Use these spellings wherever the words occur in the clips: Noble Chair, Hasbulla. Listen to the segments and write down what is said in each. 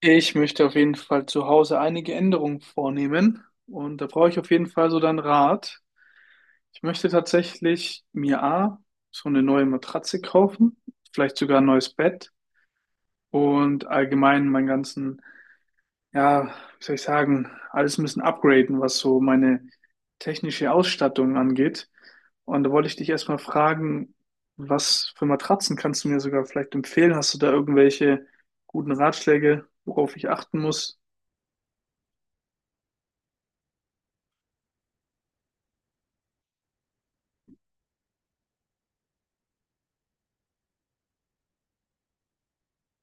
Ich möchte auf jeden Fall zu Hause einige Änderungen vornehmen und da brauche ich auf jeden Fall so deinen Rat. Ich möchte tatsächlich mir so eine neue Matratze kaufen, vielleicht sogar ein neues Bett und allgemein meinen ganzen, ja, wie soll ich sagen, alles ein bisschen upgraden, was so meine technische Ausstattung angeht. Und da wollte ich dich erstmal fragen, was für Matratzen kannst du mir sogar vielleicht empfehlen? Hast du da irgendwelche guten Ratschläge, worauf ich achten muss?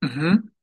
Mhm.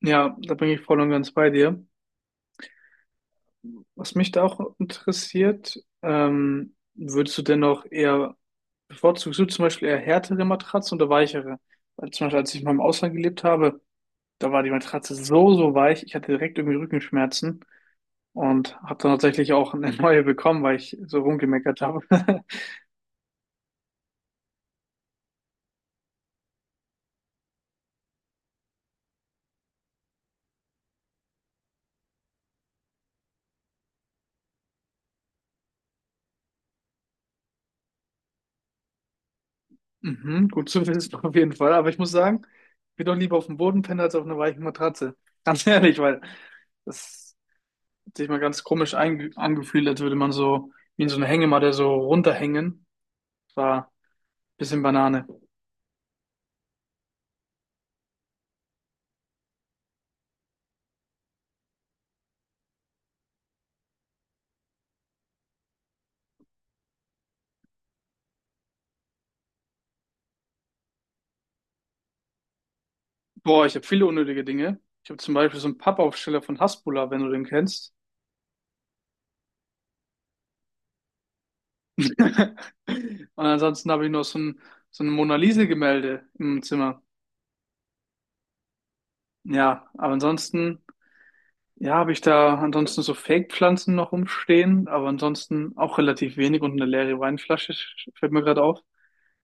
Ja, da bin ich voll und ganz bei dir. Was mich da auch interessiert, würdest du denn auch eher, bevorzugst du zum Beispiel eher härtere Matratzen oder weichere? Weil zum Beispiel, als ich mal im Ausland gelebt habe, da war die Matratze so, so weich, ich hatte direkt irgendwie Rückenschmerzen und habe dann tatsächlich auch eine neue bekommen, weil ich so rumgemeckert habe. Mhm, gut zu wissen auf jeden Fall, aber ich muss sagen, ich bin doch lieber auf dem Boden pennen als auf einer weichen Matratze. Ganz ehrlich, weil das sich mal ganz komisch angefühlt, als würde man so wie in so einer Hängematte so runterhängen. War ein bisschen Banane. Boah, ich habe viele unnötige Dinge. Ich habe zum Beispiel so einen Pappaufsteller von Hasbulla, wenn du den kennst. Und ansonsten habe ich noch so ein Mona Lisa-Gemälde im Zimmer. Ja, aber ansonsten, ja, habe ich da ansonsten so Fake-Pflanzen noch rumstehen, aber ansonsten auch relativ wenig und eine leere Weinflasche, fällt mir gerade auf.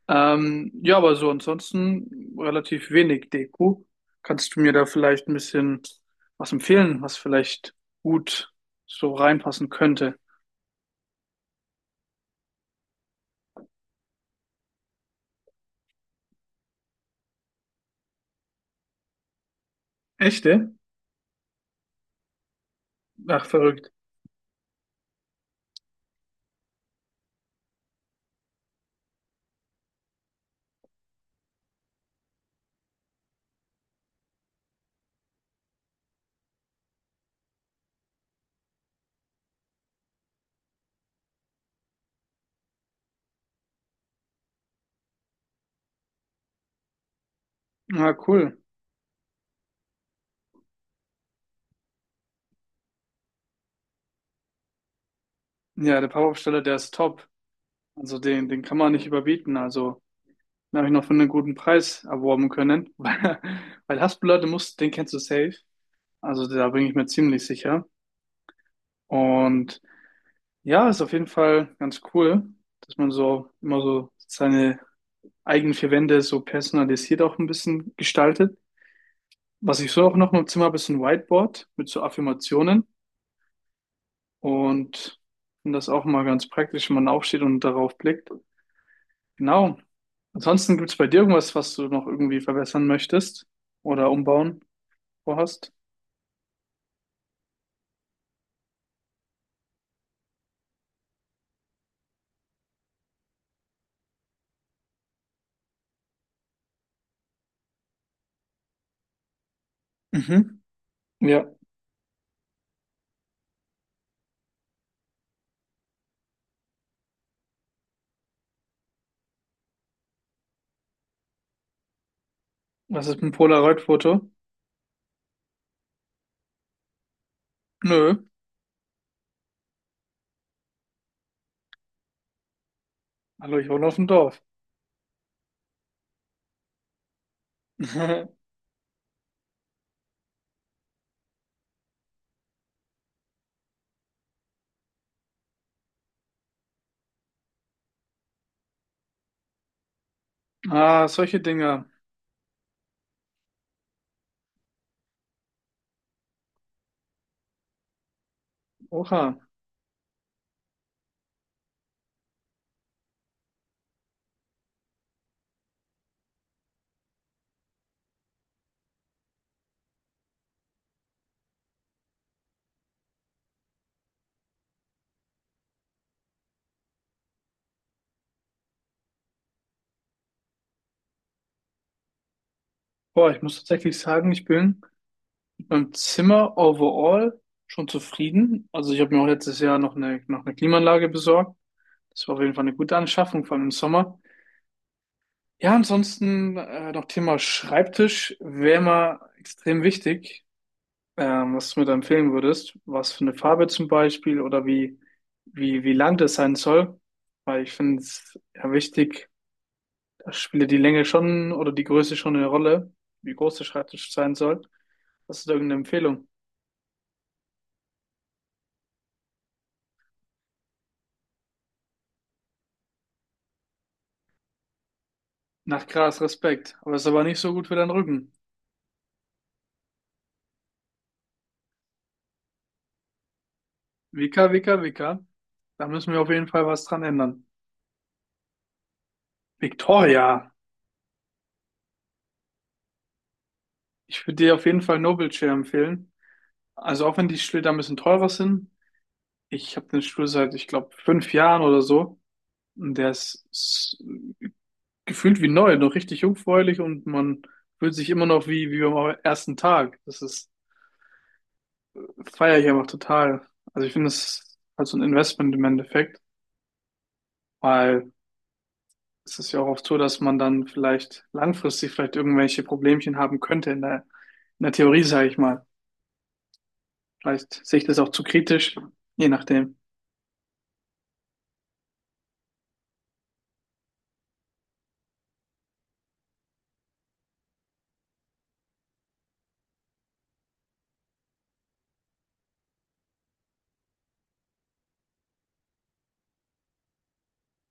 Ja, aber so ansonsten relativ wenig Deko. Kannst du mir da vielleicht ein bisschen was empfehlen, was vielleicht gut so reinpassen könnte? Echte? Ach, verrückt. Ah, cool. Ja, der Pappaufsteller, der ist top. Also den, den kann man nicht überbieten. Also den habe ich noch für einen guten Preis erworben können. Weil, weil Haspel, du musst, den kennst du safe. Also da bin ich mir ziemlich sicher. Und ja, ist auf jeden Fall ganz cool, dass man so immer so seine eigenen vier Wände so personalisiert auch ein bisschen gestaltet. Was ich so auch noch im Zimmer habe, ist ein Whiteboard mit so Affirmationen und finde das auch mal ganz praktisch, wenn man aufsteht und darauf blickt. Genau. Ansonsten gibt es bei dir irgendwas, was du noch irgendwie verbessern möchtest oder umbauen vorhast? Mhm. Ja. Was ist ein dem Polaroid-Foto? Nö. Hallo, ich wohne auf dem Dorf. Ah, solche Dinge. Oha. Boah, ich muss tatsächlich sagen, ich bin beim Zimmer overall schon zufrieden. Also ich habe mir auch letztes Jahr noch eine Klimaanlage besorgt. Das war auf jeden Fall eine gute Anschaffung, vor allem im Sommer. Ja, ansonsten noch Thema Schreibtisch wäre mal extrem wichtig, was du mir da empfehlen würdest. Was für eine Farbe zum Beispiel oder wie lang das sein soll. Weil ich finde es ja wichtig, da spielt ja die Länge schon oder die Größe schon eine Rolle, wie groß der Schreibtisch sein soll. Hast du da irgendeine Empfehlung? Nach krass, Respekt. Aber ist aber nicht so gut für deinen Rücken. Vika, Vika, Vika. Da müssen wir auf jeden Fall was dran ändern. Victoria, ich würde dir auf jeden Fall Noble Chair empfehlen. Also auch wenn die Stühle da ein bisschen teurer sind. Ich habe den Stuhl seit, ich glaube, 5 Jahren oder so. Und der ist gefühlt wie neu, noch richtig jungfräulich und man fühlt sich immer noch wie am ersten Tag. Feiere ich einfach total. Also ich finde, das ist halt so ein Investment im Endeffekt, weil es ist ja auch oft so, dass man dann vielleicht langfristig vielleicht irgendwelche Problemchen haben könnte in der Theorie, sage ich mal. Vielleicht sehe ich das auch zu kritisch, je nachdem.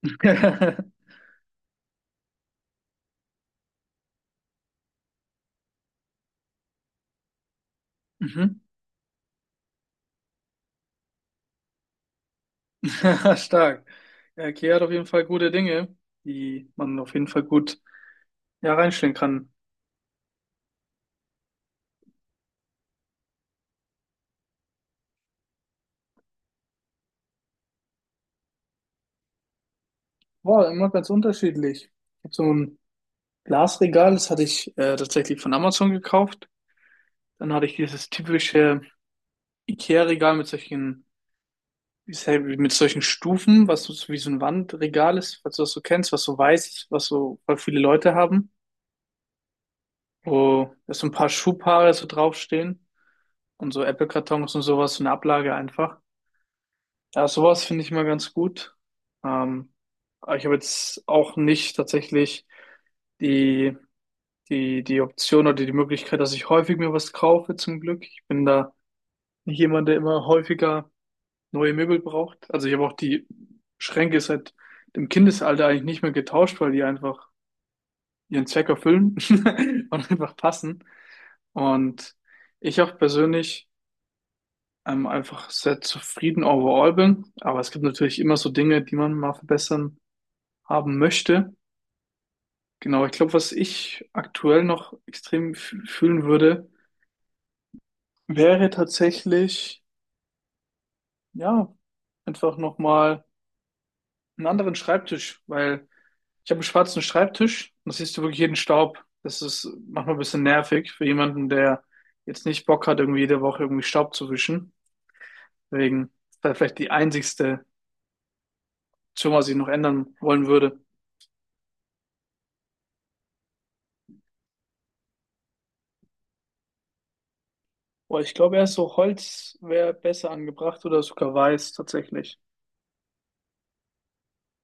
Mhm. Stark. Ja, Kia hat auf jeden Fall gute Dinge, die man auf jeden Fall gut ja, reinstellen kann. Boah, immer ganz unterschiedlich. Ich habe so ein Glasregal, das hatte ich tatsächlich von Amazon gekauft. Dann hatte ich dieses typische IKEA-Regal mit solchen, wie ist halt mit solchen Stufen, was so wie so ein Wandregal ist, falls du das so kennst, was so weiß ist, was so voll viele Leute haben, wo da so ein paar Schuhpaare so draufstehen und so Apple-Kartons und sowas, so eine Ablage einfach. Ja, sowas finde ich mal ganz gut. Ähm, aber ich habe jetzt auch nicht tatsächlich die, die Option oder die Möglichkeit, dass ich häufig mir was kaufe, zum Glück. Ich bin da nicht jemand, der immer häufiger neue Möbel braucht. Also ich habe auch die Schränke seit dem Kindesalter eigentlich nicht mehr getauscht, weil die einfach ihren Zweck erfüllen und einfach passen. Und ich auch persönlich einfach sehr zufrieden overall bin. Aber es gibt natürlich immer so Dinge, die man mal verbessern haben möchte. Genau, ich glaube, was ich aktuell noch extrem fühlen würde, wäre tatsächlich, ja, einfach nochmal einen anderen Schreibtisch, weil ich habe einen schwarzen Schreibtisch und da siehst du wirklich jeden Staub. Das ist manchmal ein bisschen nervig für jemanden, der jetzt nicht Bock hat, irgendwie jede Woche irgendwie Staub zu wischen. Deswegen ist das vielleicht die einzigste Option, was ich noch ändern wollen würde. Boah, ich glaube, erst so Holz wäre besser angebracht oder sogar Weiß tatsächlich.